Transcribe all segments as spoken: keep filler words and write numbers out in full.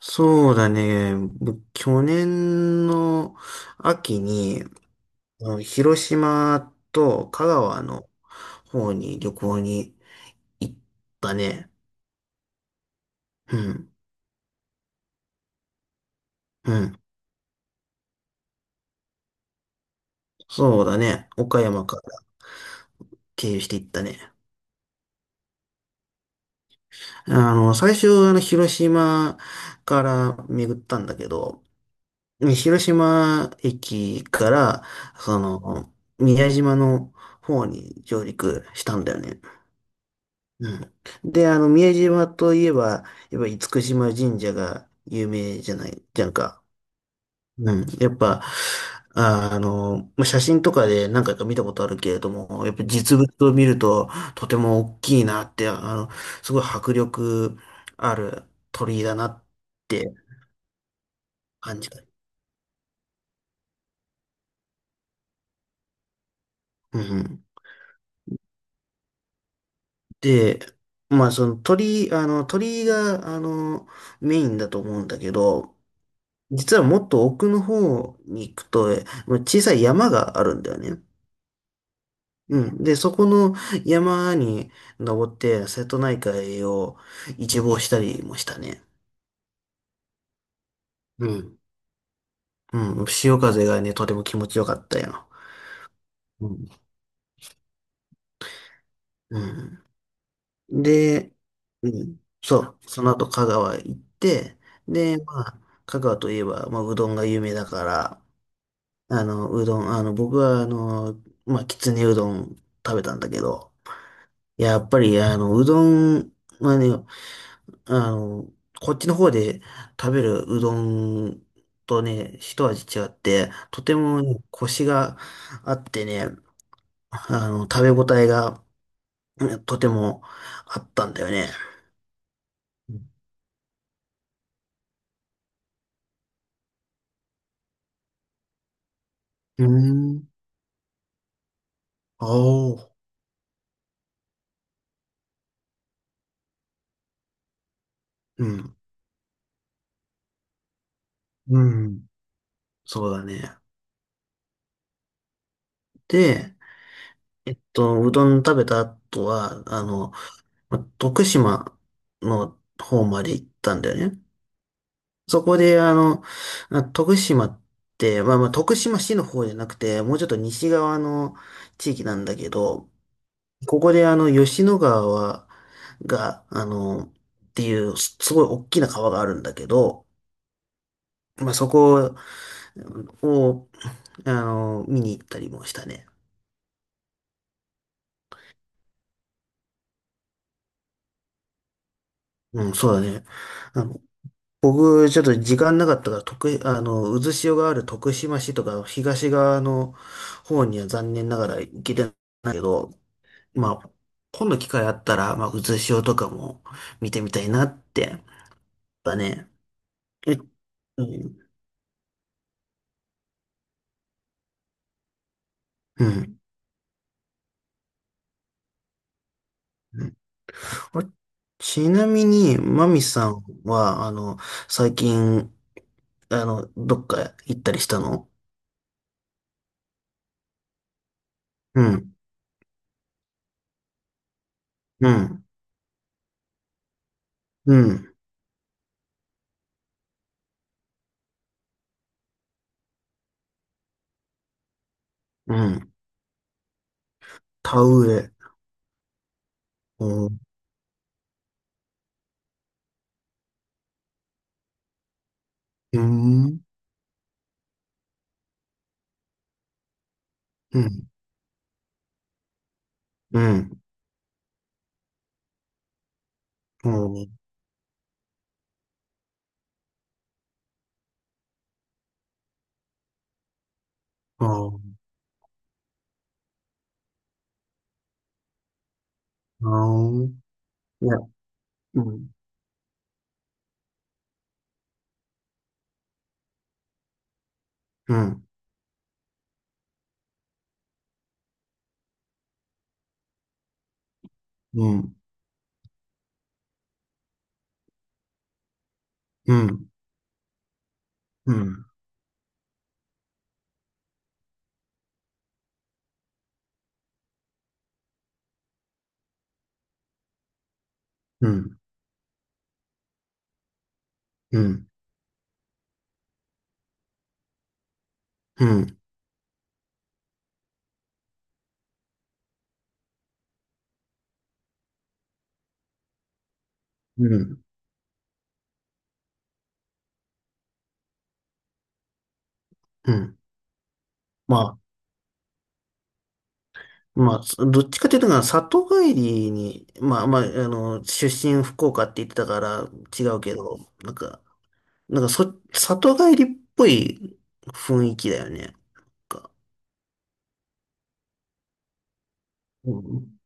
そうだね。僕、去年の秋に、あの広島と香川の方に旅行に行ったね。うん。うん。そうだね。岡山から経由して行ったね。あの、最初、あの、広島から巡ったんだけど、広島駅から、その、宮島の方に上陸したんだよね。うん。で、あの、宮島といえば、やっぱ厳島神社が有名じゃない、じゃんか。うん。やっぱ、あ、あの、まあ写真とかで何回か見たことあるけれども、やっぱ実物を見るととても大きいなって、あの、すごい迫力ある鳥居だなって感じる。うんで、まあその鳥居、あの、鳥居が、あの、メインだと思うんだけど、実はもっと奥の方に行くと、えまあ小さい山があるんだよね。うん。で、そこの山に登って、瀬戸内海を一望したりもしたね。うん。うん。潮風がね、とても気持ちよかったよ。うん。うん。で、うん。そう。その後、香川行って、で、まあ、香川といえば、まあ、うどんが有名だから、あの、うどん、あの、僕は、あの、まあ、きつねうどん食べたんだけど、やっぱり、あの、うどんはね、あの、こっちの方で食べるうどんとね、一味違って、とてもね、コシがあってね、あの、食べ応えがうんとてもあったんだよね。うん。あおうん。うん。そうだね。で、えっと、うどん食べた後は、あの、ま徳島の方まで行ったんだよね。そこで、あの、あ徳島って、まあまあ、徳島市の方じゃなくて、もうちょっと西側の地域なんだけど、ここであの、吉野川はが、あの、っていう、すすごい大きな川があるんだけど、まあそこを、あの、見に行ったりもしたね。うん、そうだね。あの、僕、ちょっと時間なかったから、徳、あの、渦潮がある徳島市とか、東側の方には残念ながら行けてないけど、まあ、今度機会あったら、まあ、うつしおとかも見てみたいなって。やっぱね。え、うん。うん。うんあちなみに、マミさんは、あの、最近、あの、どっか行ったりしたの？うん、うん、うん、うん。田植え。うん、うん、うん、うん、うん、うん、うん。いや、うん、うん、うん、うん、うん、うん、うん、うん、うん。うんまあ、まあ、どっちかというと、里帰りに、まあまあ、あの、出身福岡って言ってたから違うけど、なんか、なんかそ、里帰りっぽい雰囲気だよね。なんか。うん、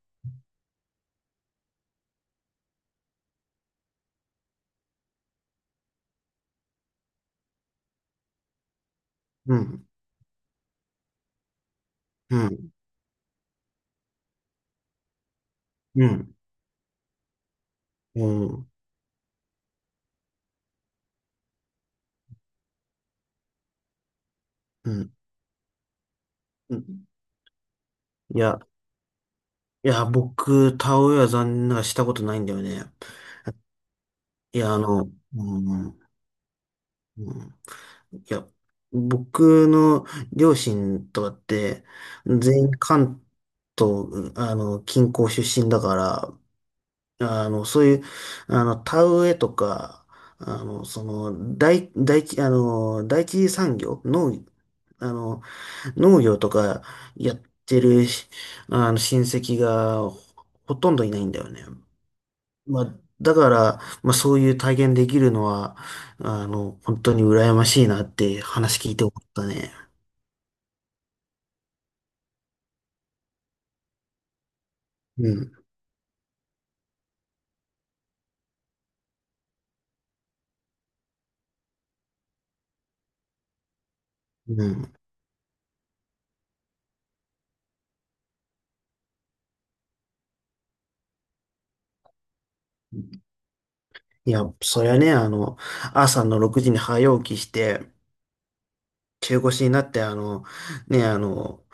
うん、うん、うん、うん、うん。うんいや、いや、僕、田植えは残念ながらしたことないんだよね。いや、あの、うん、うん。いや、僕の両親とかって、全員関東、あの、近郊出身だから、あの、そういう、あの、田植えとか、あの、その、大、大地、あの、第一次産業、農、あの、農業とかやってるし、あの、親戚がほほとんどいないんだよね。まあ、だから、まあ、そういう体験できるのは、あの、本当に羨ましいなって話聞いて思ったね。うん。うん。いや、そりゃね、あの、朝のろくじに早起きして、中腰になって、あの、ね、あの、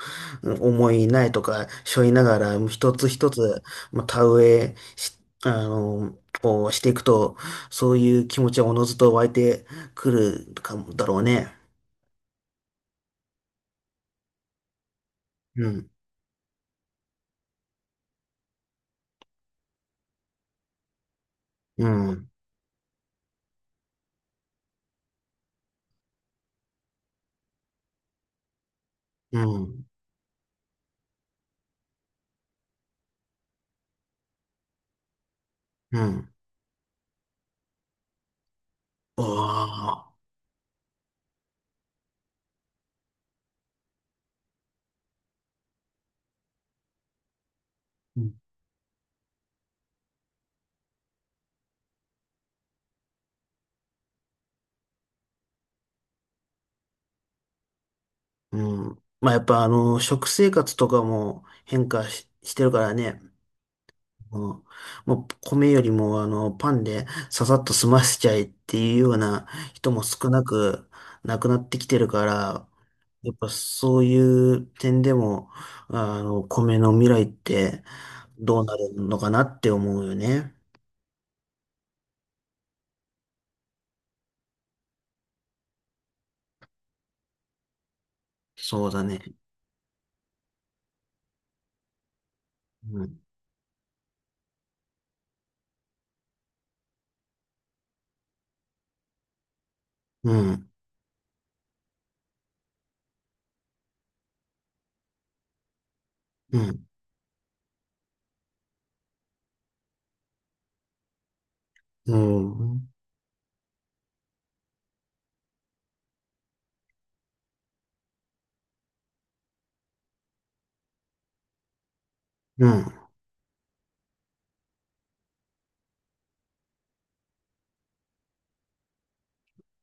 重い苗とか背負いながら、一つ一つ、まあ、田植えし、あの、をしていくと、そういう気持ちはおのずと湧いてくるかもだろうね。うん、うん、うん、うん。ああ、うん。うんまあ、やっぱ、あの、食生活とかも変化し、してるからね。もう、もう米よりもあのパンでささっと済ませちゃえっていうような人も少なくなくなってきてるから、やっぱそういう点でも、あの、米の未来ってどうなるのかなって思うよね。そうだね。うん。うん。うん。うん。うん。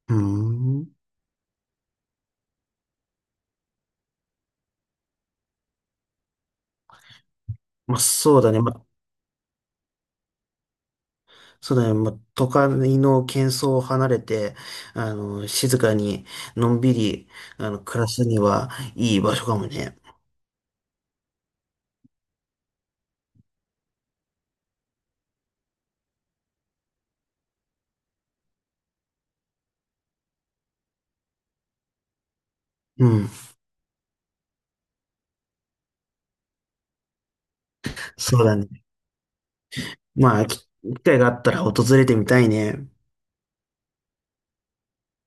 うん。まあそうだね。まあそうだね。まあ都会の喧騒を離れて、あの、静かに、のんびり、あの、暮らすにはいい場所かもね。うん。そうだね。まあ、き機会があったら訪れてみたいね。